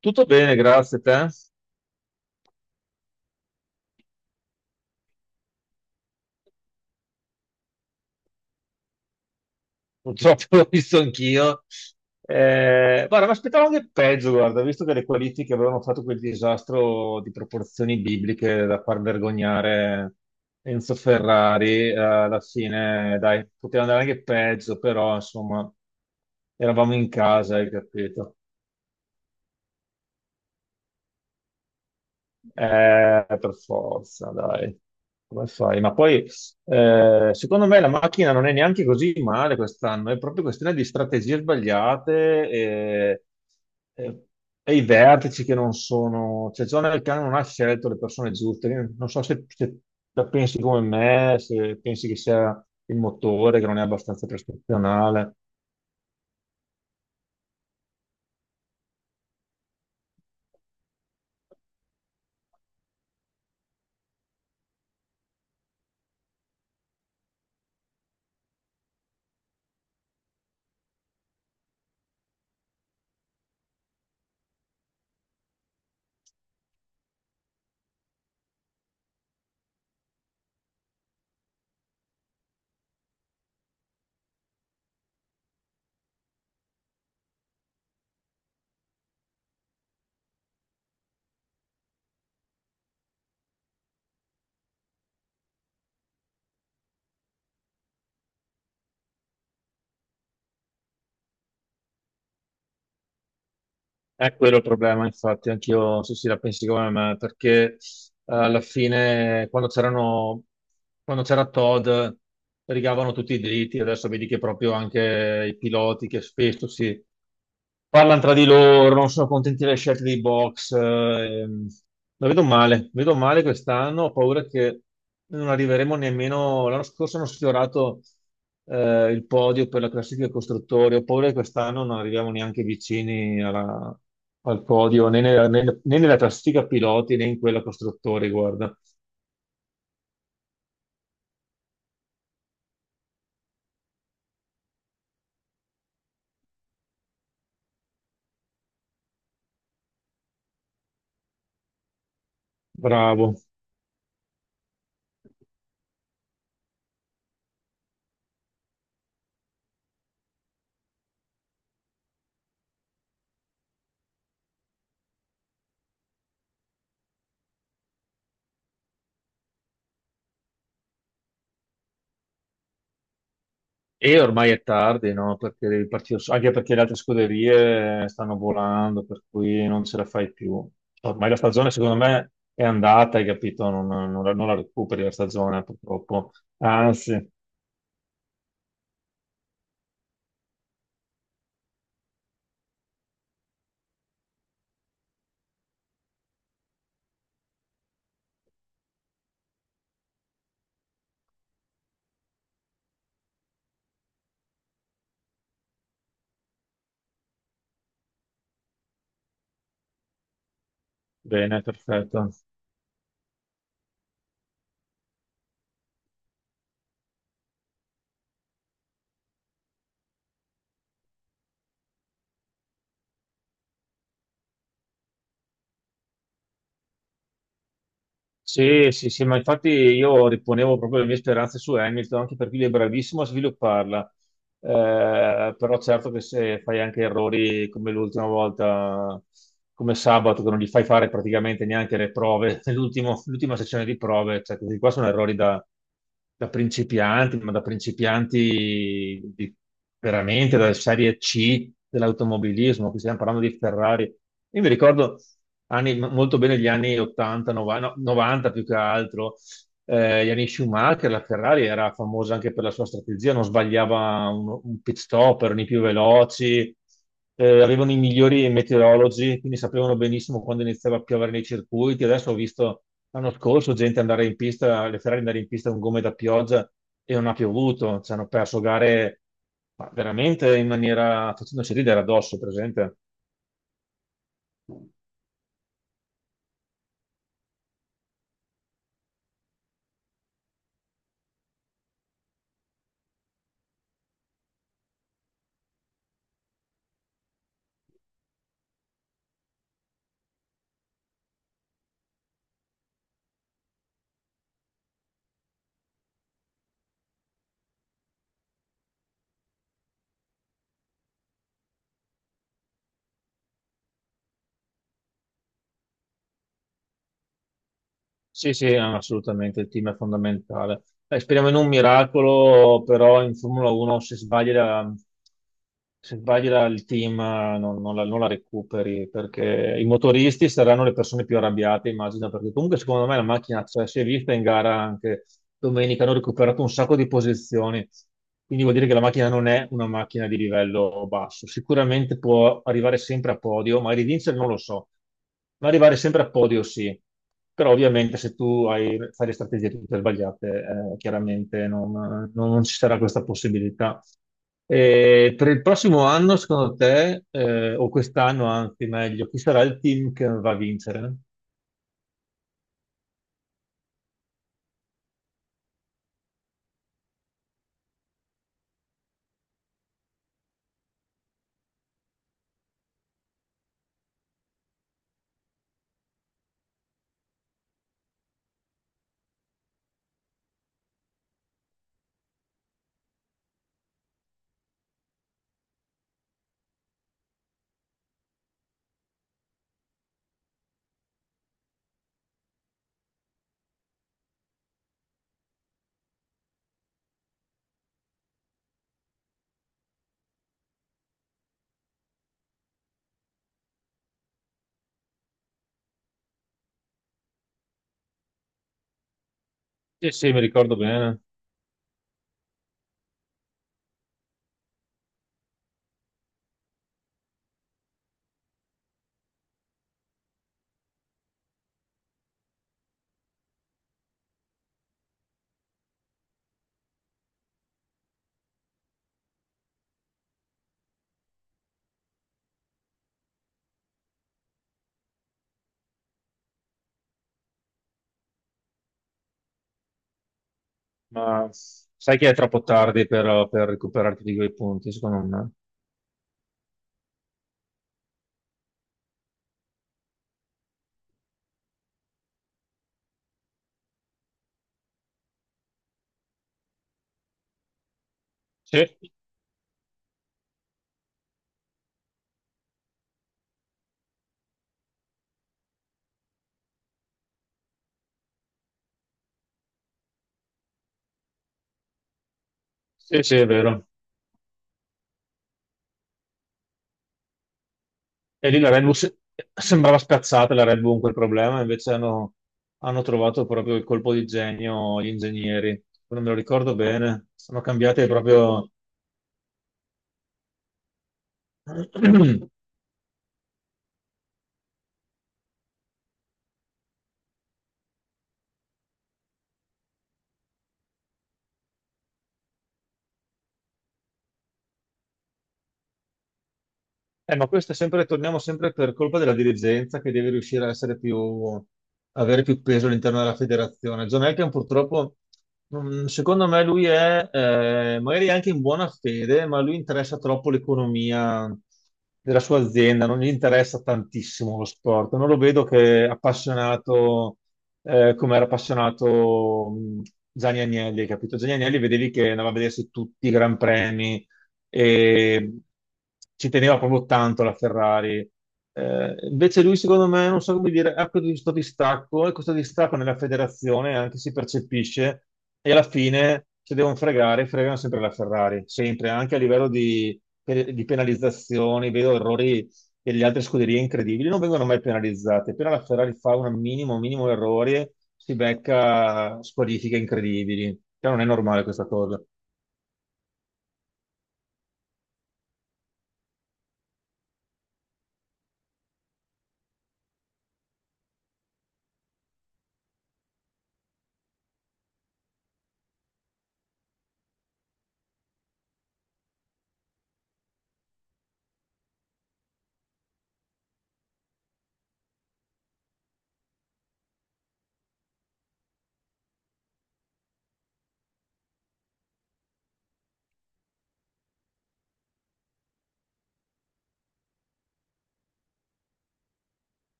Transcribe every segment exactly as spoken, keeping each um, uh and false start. Tutto bene, grazie a te. Purtroppo l'ho visto anch'io. Eh, guarda, mi aspettavo anche peggio, guarda, visto che le qualifiche avevano fatto quel disastro di proporzioni bibliche da far vergognare Enzo Ferrari, eh, alla fine, dai, poteva andare anche peggio, però insomma, eravamo in casa, hai capito? Eh, per forza, dai. Come fai? Ma poi, eh, secondo me, la macchina non è neanche così male quest'anno, è proprio questione di strategie sbagliate e, e- e i vertici che non sono... Cioè, John Elkann non ha scelto le persone giuste. Io non so se, se la pensi come me, se pensi che sia il motore, che non è abbastanza prestazionale. È quello il problema, infatti, anch'io sì, sì, la pensi come me, perché eh, alla fine quando c'erano, quando c'era Todd rigavano tutti i diritti, adesso vedi che proprio anche i piloti che spesso si, parlano tra di loro, non sono contenti delle scelte dei box. eh, ehm. La vedo male, vedo male quest'anno, ho paura che non arriveremo nemmeno. L'anno scorso hanno sfiorato eh, il podio per la classifica dei costruttori, ho paura che quest'anno non arriviamo neanche vicini alla- al podio, né nella, né- né nella classifica piloti né in quella costruttori, guarda. Bravo. E ormai è tardi, no? Perché devi partire, su- anche perché le altre scuderie stanno volando, per cui non ce la fai più. Ormai la stagione, secondo me, è andata, hai capito? Non, non la, non la recuperi la stagione, purtroppo. Anzi, bene, perfetto. Sì, sì, sì, ma infatti io riponevo proprio le mie speranze su Hamilton, anche perché lui è bravissimo a svilupparla. Eh, però certo che se fai anche errori come l'ultima volta, come sabato, che non gli fai fare praticamente neanche le prove, l'ultimo- l'ultima sessione di prove, cioè questi qua sono errori da, da principianti, ma da principianti di- veramente dalla serie C dell'automobilismo, qui stiamo parlando di Ferrari. Io mi ricordo anni- molto bene gli anni ottanta, novanta, no, novanta più che altro eh, Yannick Schumacher, la Ferrari era famosa anche per la sua strategia, non sbagliava un, un pit stop, erano i più veloci, eh, avevano i migliori meteorologi, quindi sapevano benissimo quando iniziava a piovere nei circuiti. Adesso ho visto l'anno scorso gente andare in pista, le Ferrari andare in pista con gomme da pioggia e non ha piovuto, ci hanno perso gare ma veramente in maniera facendoci ridere addosso, presente. Sì, sì, assolutamente, il team è fondamentale. Eh, speriamo in un miracolo, però in Formula uno se sbagli la- se sbagli la- il team eh, non, non la, non la recuperi, perché i motoristi saranno le persone più arrabbiate, immagino, perché comunque secondo me la macchina c'è, si è vista in gara anche domenica, hanno recuperato un sacco di posizioni, quindi vuol dire che la macchina non è una macchina di livello basso. Sicuramente può arrivare sempre a podio, magari vincere non lo so, ma arrivare sempre a podio sì. Però ovviamente se tu hai- fai le strategie tutte sbagliate, eh, chiaramente non, non ci sarà questa possibilità. E per il prossimo anno, secondo te, eh, o quest'anno anzi meglio, chi sarà il team che va a vincere? Eh sì, mi ricordo bene. Ma sai che è troppo tardi per, per recuperarti di quei punti, secondo me. Sì, sì, sì, è vero. E lì la Red Bull se- sembrava spiazzata la Red Bull con quel problema, invece hanno, hanno trovato proprio il colpo di genio gli ingegneri. Non me lo ricordo bene, sono cambiate proprio Eh, ma questo è sempre, torniamo sempre per colpa della dirigenza che deve riuscire a essere più, avere più peso all'interno della federazione. John Elkann purtroppo, mm, secondo me lui è, eh, magari anche in buona fede, ma lui interessa troppo l'economia della sua azienda, non gli interessa tantissimo lo sport. Non lo vedo che è appassionato, eh, come era appassionato, mm, Gianni Agnelli, capito? Gianni Agnelli vedevi che andava a vedersi tutti i Gran Premi e ci teneva proprio tanto la Ferrari. Eh, invece lui, secondo me, non so come dire, ha questo distacco e questo distacco nella federazione anche si percepisce e alla fine se devono fregare, fregano sempre la Ferrari, sempre, anche a livello di, di penalizzazioni, vedo errori delle altre scuderie incredibili, non vengono mai penalizzate, appena la Ferrari fa un minimo, minimo errore si becca squalifiche incredibili, cioè, non è normale questa cosa.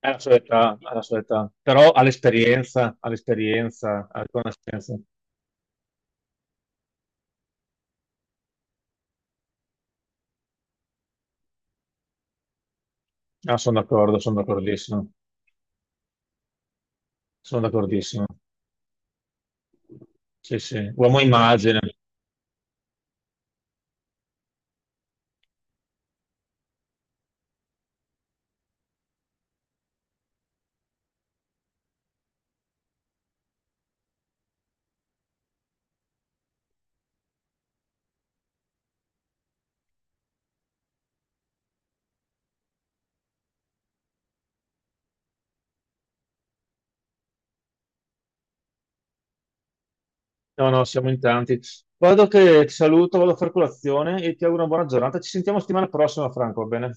Alla sua età, alla sua età, però all'esperienza, all'esperienza, alla conoscenza. Ah, sono d'accordo, sono d'accordissimo, sono d'accordissimo. Sì, sì, uomo immagine. No, no, siamo in tanti. Guardo che ti saluto, vado a fare colazione e ti auguro una buona giornata. Ci sentiamo settimana prossima, Franco, va bene?